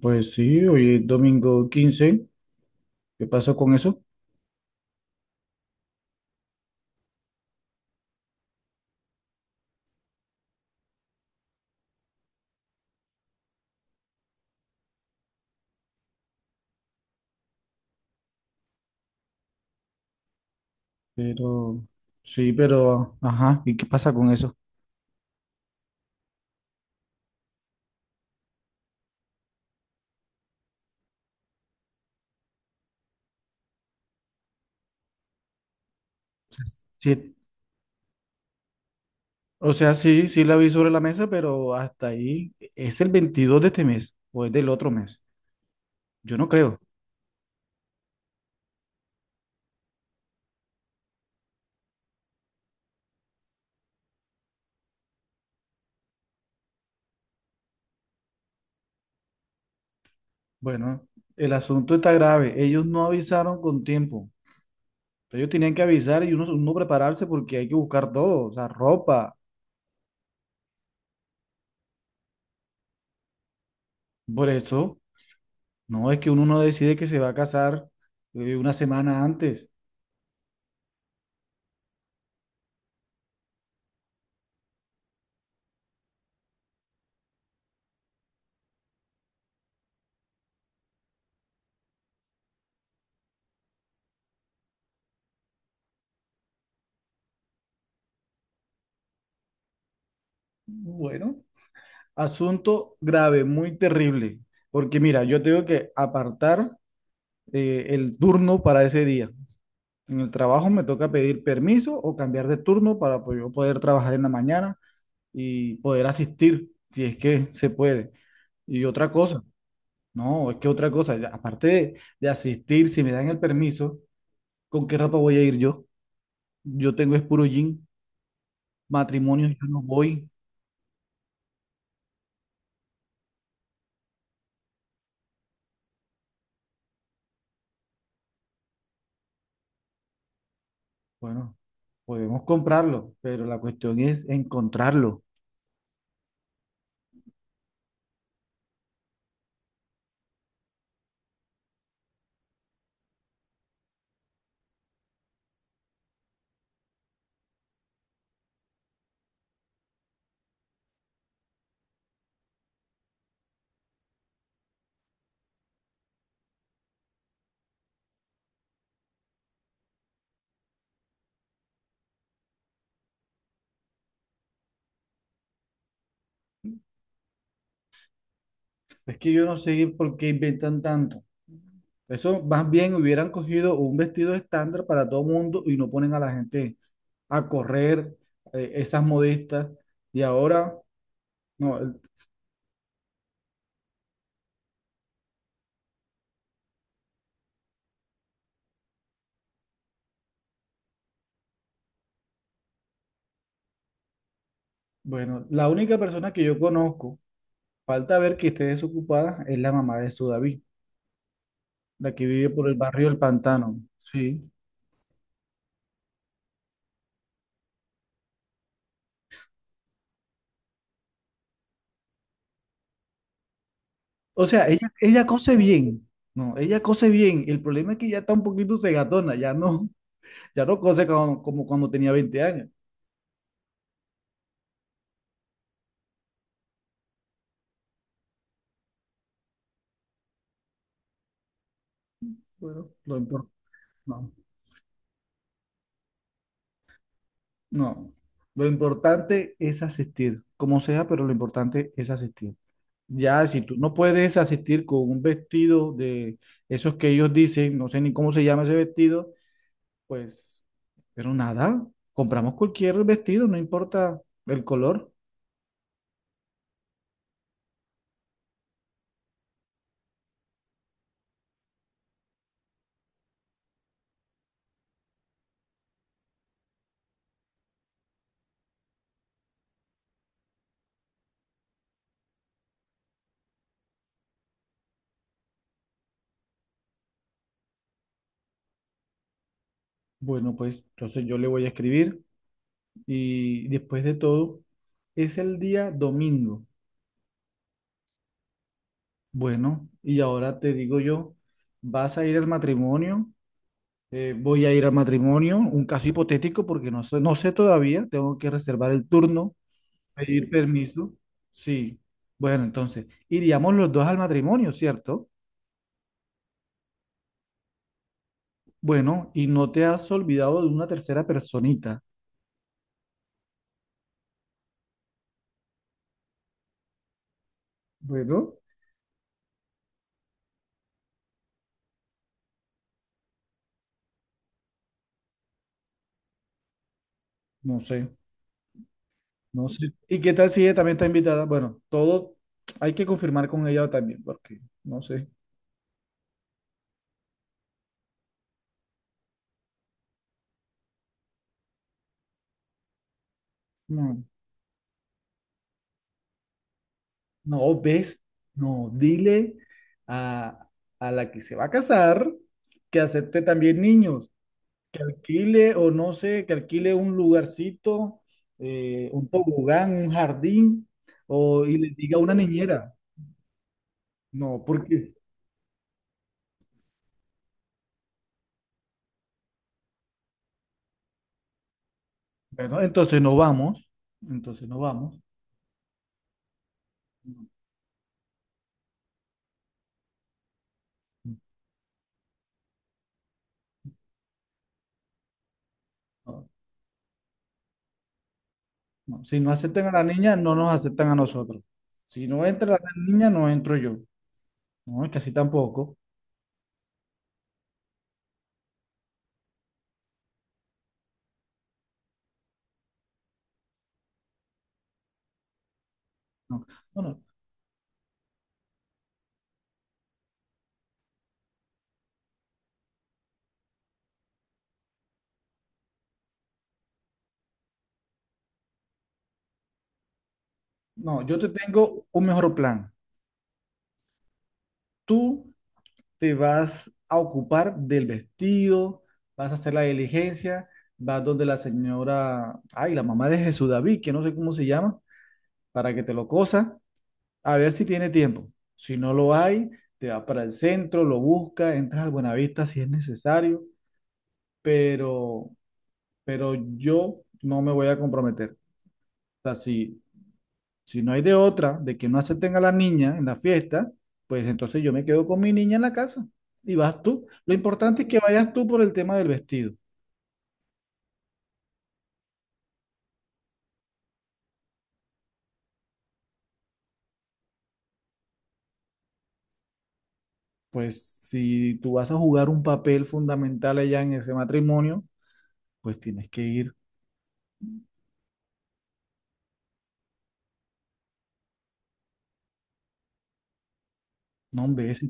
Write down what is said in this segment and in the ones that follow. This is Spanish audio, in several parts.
Pues sí, hoy es domingo 15. ¿Qué pasó con eso? Pero, sí, pero, ajá, ¿y qué pasa con eso? O sea, sí, o sea, sí, sí la vi sobre la mesa, pero hasta ahí es el 22 de este mes o es del otro mes. Yo no creo. Bueno, el asunto está grave. Ellos no avisaron con tiempo. Ellos tenían que avisar y uno prepararse porque hay que buscar todo, o sea, ropa. Por eso, no es que uno no decide que se va a casar una semana antes. Bueno. Asunto grave, muy terrible, porque mira, yo tengo que apartar el turno para ese día. En el trabajo me toca pedir permiso o cambiar de turno para pues, yo poder trabajar en la mañana y poder asistir, si es que se puede. Y otra cosa, no, es que otra cosa, ya, aparte de asistir, si me dan el permiso, ¿con qué ropa voy a ir yo? Yo tengo es puro jean, matrimonio yo no voy. Bueno, podemos comprarlo, pero la cuestión es encontrarlo. Es que yo no sé por qué inventan tanto. Eso más bien hubieran cogido un vestido estándar para todo mundo y no ponen a la gente a correr esas modistas. Y ahora, no, el- bueno, la única persona que yo conozco, falta ver que esté desocupada, es la mamá de Sudaví, la que vive por el barrio El Pantano. Sí. O sea, ella cose bien. No, ella cose bien. El problema es que ya está un poquito segatona, ya no, ya no cose como, como cuando tenía 20 años. Bueno, lo importante. No, no. Lo importante es asistir, como sea, pero lo importante es asistir. Ya, si tú no puedes asistir con un vestido de esos que ellos dicen, no sé ni cómo se llama ese vestido, pues, pero nada, compramos cualquier vestido, no importa el color. Bueno, pues entonces yo le voy a escribir y después de todo, es el día domingo. Bueno, y ahora te digo yo, ¿vas a ir al matrimonio? Voy a ir al matrimonio, un caso hipotético porque no sé, no sé todavía, tengo que reservar el turno, pedir permiso. Sí, bueno, entonces, iríamos los dos al matrimonio, ¿cierto? Bueno, y no te has olvidado de una tercera personita. Bueno, no sé, no sé. ¿Y qué tal si ella también está invitada? Bueno, todo hay que confirmar con ella también, porque no sé. No, no, ves, no, dile a, a la que se va a casar que acepte también niños. Que alquile o no sé, que alquile un lugarcito, un tobogán, un jardín, o, y le diga a una niñera. No, porque, bueno, entonces no vamos, entonces no vamos. No, no. Si no aceptan a la niña, no nos aceptan a nosotros. Si no entra la niña, no entro yo. No, casi tampoco. No, no, no, no, yo te tengo un mejor plan. Tú te vas a ocupar del vestido, vas a hacer la diligencia, vas donde la señora, ay, la mamá de Jesús David, que no sé cómo se llama, para que te lo cosa, a ver si tiene tiempo. Si no lo hay, te vas para el centro, lo buscas, entras al Buenavista si es necesario, pero, pero yo no me voy a comprometer. O sea, si, si no hay de otra, de que no acepten a la niña en la fiesta, pues entonces yo me quedo con mi niña en la casa y vas tú. Lo importante es que vayas tú por el tema del vestido. Pues si tú vas a jugar un papel fundamental allá en ese matrimonio, pues tienes que ir. No, hombre, ese,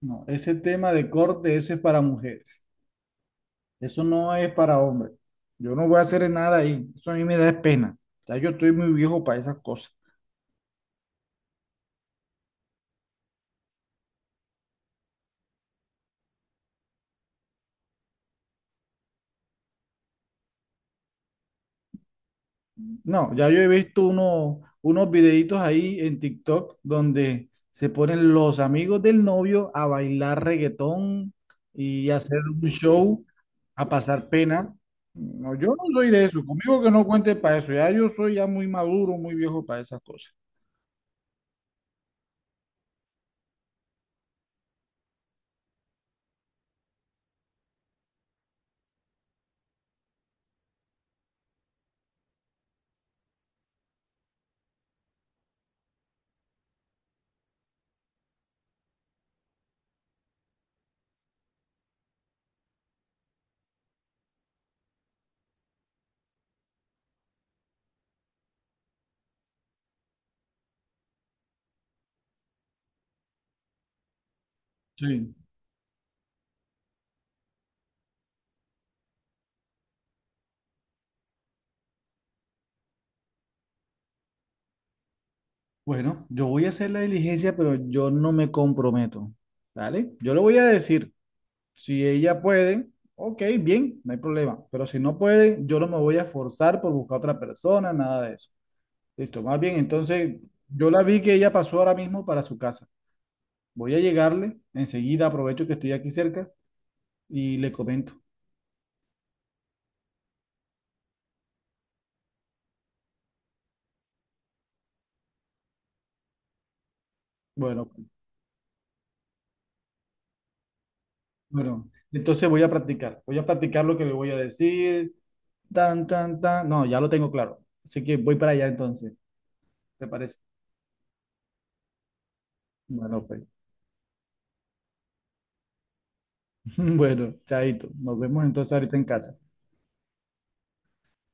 no, ese tema de corte, eso es para mujeres. Eso no es para hombres. Yo no voy a hacer nada ahí. Eso a mí me da pena. Ya yo estoy muy viejo para esas cosas. No, ya yo he visto unos videitos ahí en TikTok donde se ponen los amigos del novio a bailar reggaetón y hacer un show a pasar pena. No, yo no soy de eso. Conmigo que no cuente para eso. Ya yo soy ya muy maduro, muy viejo para esas cosas. Sí. Bueno, yo voy a hacer la diligencia, pero yo no me comprometo. ¿Vale? Yo lo voy a decir. Si ella puede, ok, bien, no hay problema. Pero si no puede, yo no me voy a forzar por buscar otra persona, nada de eso. Listo, más bien, entonces yo la vi que ella pasó ahora mismo para su casa. Voy a llegarle, enseguida aprovecho que estoy aquí cerca y le comento. Bueno, bueno, entonces voy a practicar. Voy a practicar lo que le voy a decir. Tan, tan, tan. No, ya lo tengo claro. Así que voy para allá entonces, ¿te parece? Bueno, pues. Bueno, chaito. Nos vemos entonces ahorita en casa.